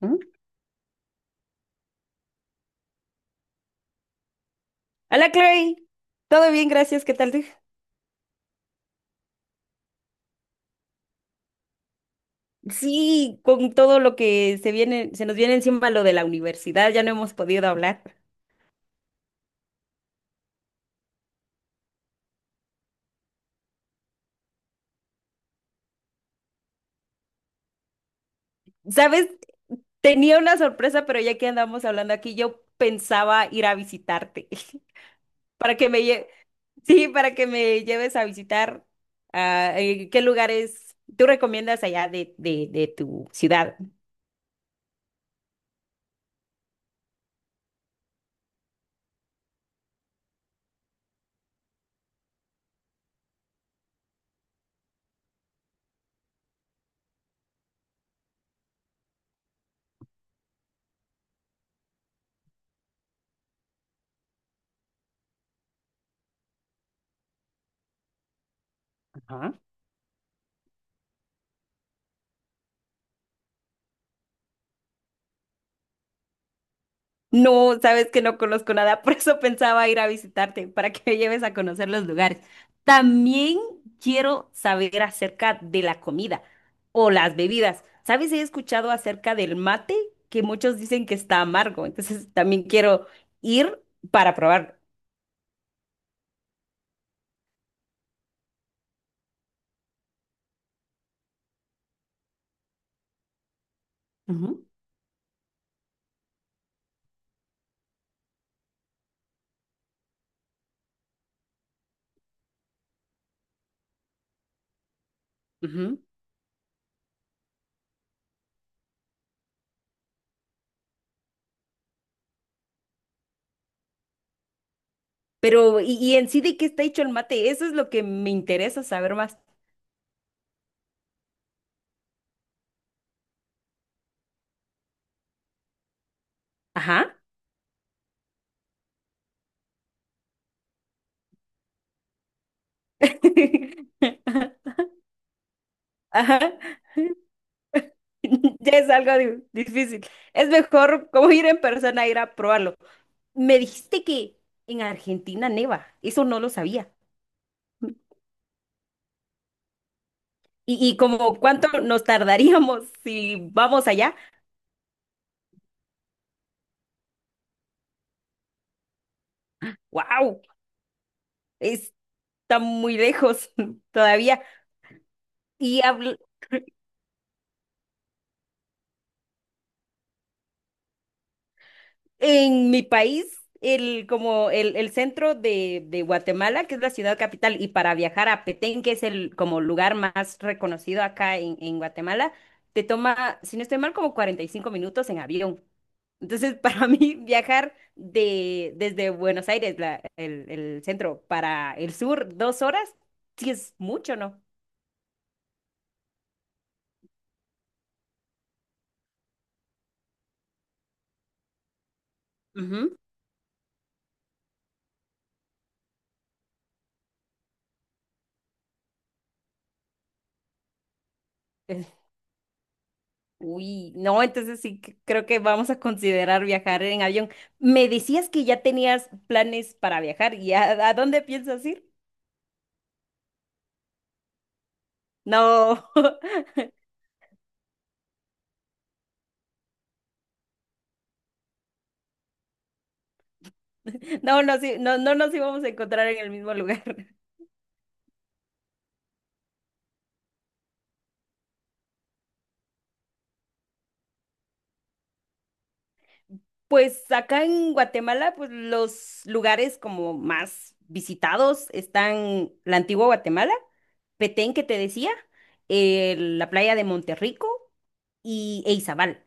¿Mm? Hola Chloe, todo bien, gracias, ¿qué tal tú? Sí, con todo lo que se viene, se nos viene encima lo de la universidad, ya no hemos podido hablar. ¿Sabes? Tenía una sorpresa, pero ya que andamos hablando aquí, yo pensaba ir a visitarte para que sí, para que me lleves a visitar qué lugares tú recomiendas allá de tu ciudad. No, sabes que no conozco nada, por eso pensaba ir a visitarte, para que me lleves a conocer los lugares. También quiero saber acerca de la comida o las bebidas. ¿Sabes? He escuchado acerca del mate, que muchos dicen que está amargo, entonces también quiero ir para probarlo. Ujú, ujú. Pero, ¿y en sí de qué está hecho el mate? Eso es lo que me interesa saber más. Ajá. Ajá. Ya es algo difícil. Es mejor como ir en persona, ir a probarlo. Me dijiste que en Argentina neva. Eso no lo sabía. Y como cuánto nos tardaríamos si vamos allá. ¡Wow! Está muy lejos todavía. Y hablo. En mi país, el centro de Guatemala, que es la ciudad capital, y para viajar a Petén, que es el como lugar más reconocido acá en Guatemala, te toma, si no estoy mal, como 45 minutos en avión. Entonces, para mí, viajar desde Buenos Aires, el centro, para el sur, 2 horas, sí es mucho, ¿no? Ujú. Uy, no, entonces sí creo que vamos a considerar viajar en avión. Me decías que ya tenías planes para viajar ¿a dónde piensas ir? No, no, sí, no nos íbamos a encontrar en el mismo lugar. Pues acá en Guatemala, pues los lugares como más visitados están la antigua Guatemala, Petén que te decía, la playa de Monterrico y e Izabal.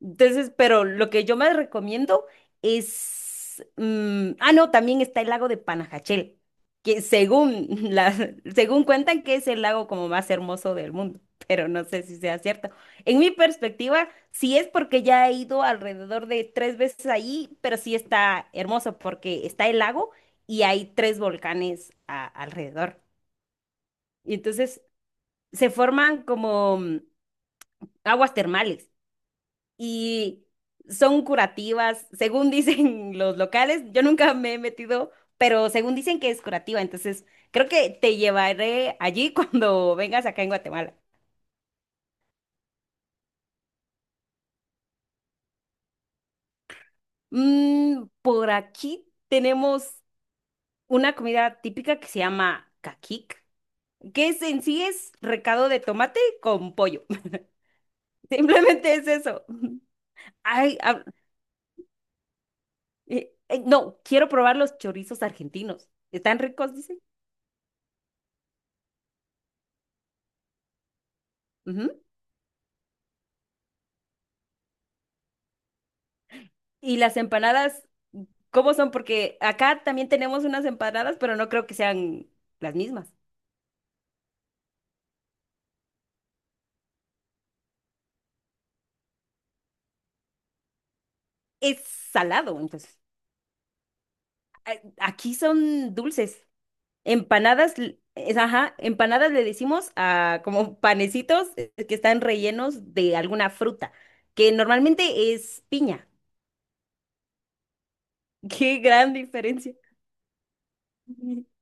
Entonces, pero lo que yo más recomiendo es... no, también está el lago de Panajachel, que según, la, según cuentan que es el lago como más hermoso del mundo, pero no sé si sea cierto. En mi perspectiva, sí es porque ya he ido alrededor de 3 veces ahí, pero sí está hermoso porque está el lago y hay 3 volcanes alrededor. Y entonces se forman como aguas termales y son curativas, según dicen los locales. Yo nunca me he metido, pero según dicen que es curativa, entonces creo que te llevaré allí cuando vengas acá en Guatemala. Mm, por aquí tenemos una comida típica que se llama caquic, que es, en sí es recado de tomate con pollo. Simplemente es eso. Ay, no, quiero probar los chorizos argentinos. ¿Están ricos, dicen? Ujú. Y las empanadas, ¿cómo son? Porque acá también tenemos unas empanadas, pero no creo que sean las mismas. Es salado, entonces. A- Aquí son dulces. Empanadas, ajá, empanadas le decimos a como panecitos que están rellenos de alguna fruta, que normalmente es piña. Qué gran diferencia.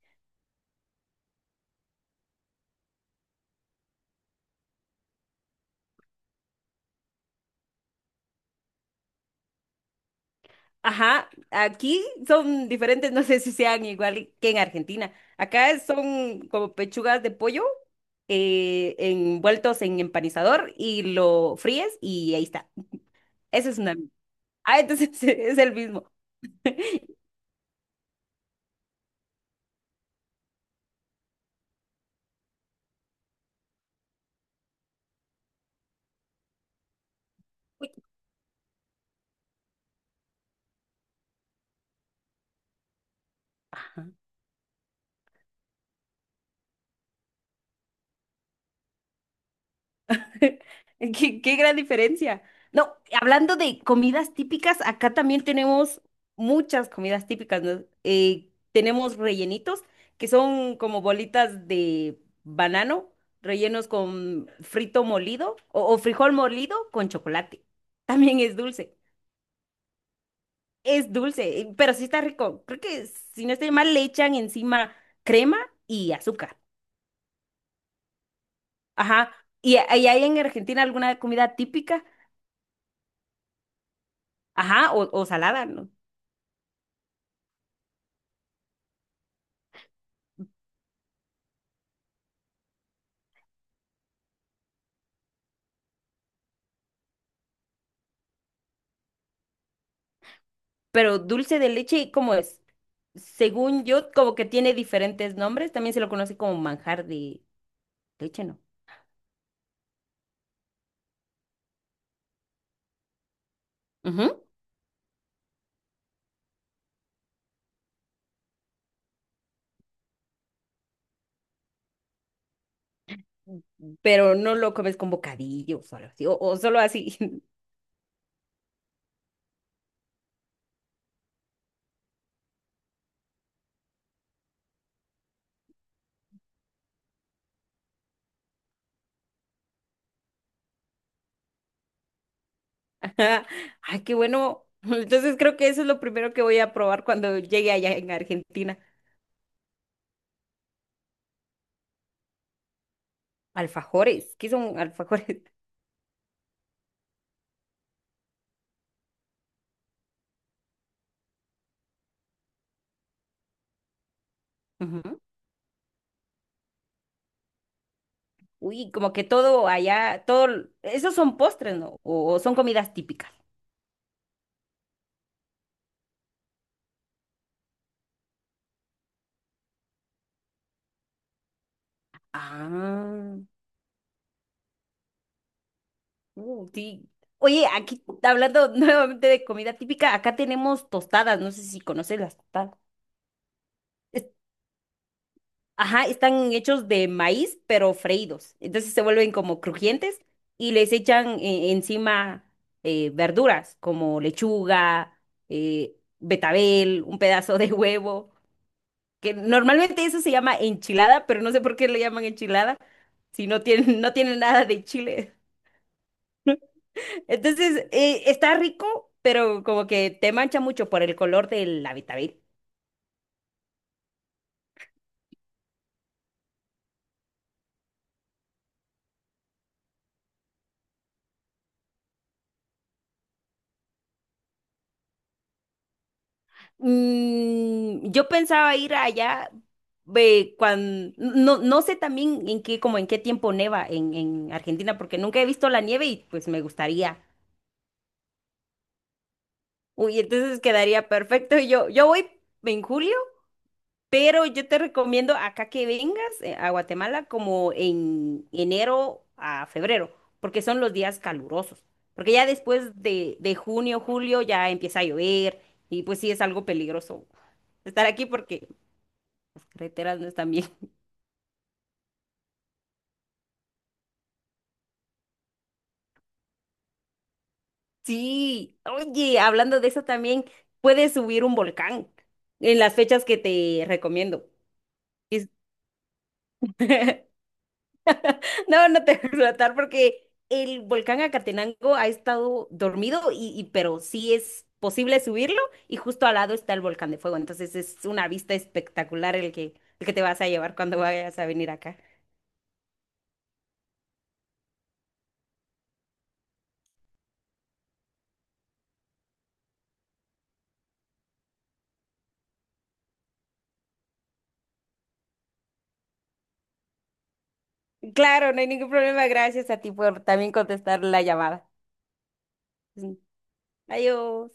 Ajá, aquí son diferentes, no sé si sean igual que en Argentina. Acá son como pechugas de pollo envueltos en empanizador y lo fríes y ahí está. Ese es una. Ah, entonces es el mismo. Uy. Qué gran diferencia. No, hablando de comidas típicas, acá también tenemos muchas comidas típicas, ¿no? Tenemos rellenitos, que son como bolitas de banano, rellenos con frito molido o frijol molido con chocolate. También es dulce. Es dulce, pero sí está rico. Creo que si no estoy mal, le echan encima crema y azúcar. Ajá. ¿Y hay en Argentina alguna comida típica? Ajá, o salada, ¿no? Pero dulce de leche, ¿cómo es? Según yo, como que tiene diferentes nombres. También se lo conoce como manjar de leche, ¿no? Ujú. Pero no lo comes con bocadillos o solo así, o solo así. Ajá. Ay, qué bueno. Entonces creo que eso es lo primero que voy a probar cuando llegue allá en Argentina. Alfajores. ¿Qué son alfajores? Ujú. Uy, como que todo allá, todo, esos son postres, ¿no? O son comidas típicas. Ah. Sí. Oye, aquí hablando nuevamente de comida típica, acá tenemos tostadas, no sé si conoces las tostadas. Es- Ajá, están hechos de maíz, pero freídos. Entonces se vuelven como crujientes y les echan encima verduras como lechuga, betabel, un pedazo de huevo, que normalmente eso se llama enchilada, pero no sé por qué le llaman enchilada si no tienen, no tienen nada de chile. Entonces, está rico, pero como que te mancha mucho por el color del Habitábil. Mm, yo pensaba ir allá cuando no, no sé también en qué, como en qué tiempo neva en Argentina, porque nunca he visto la nieve y pues me gustaría. Uy, entonces quedaría perfecto. Yo voy en julio. Pero yo te recomiendo acá que vengas a Guatemala como en enero a febrero, porque son los días calurosos. Porque ya después de junio, julio ya empieza a llover y pues sí es algo peligroso estar aquí porque las carreteras no están bien. Sí, oye, hablando de eso también, puedes subir un volcán en las fechas que te recomiendo. Es- No, no te voy a explotar porque el volcán Acatenango ha estado dormido pero sí es posible subirlo y justo al lado está el volcán de fuego. Entonces es una vista espectacular el que te vas a llevar cuando vayas a venir acá. Claro, no hay ningún problema. Gracias a ti por también contestar la llamada. Adiós.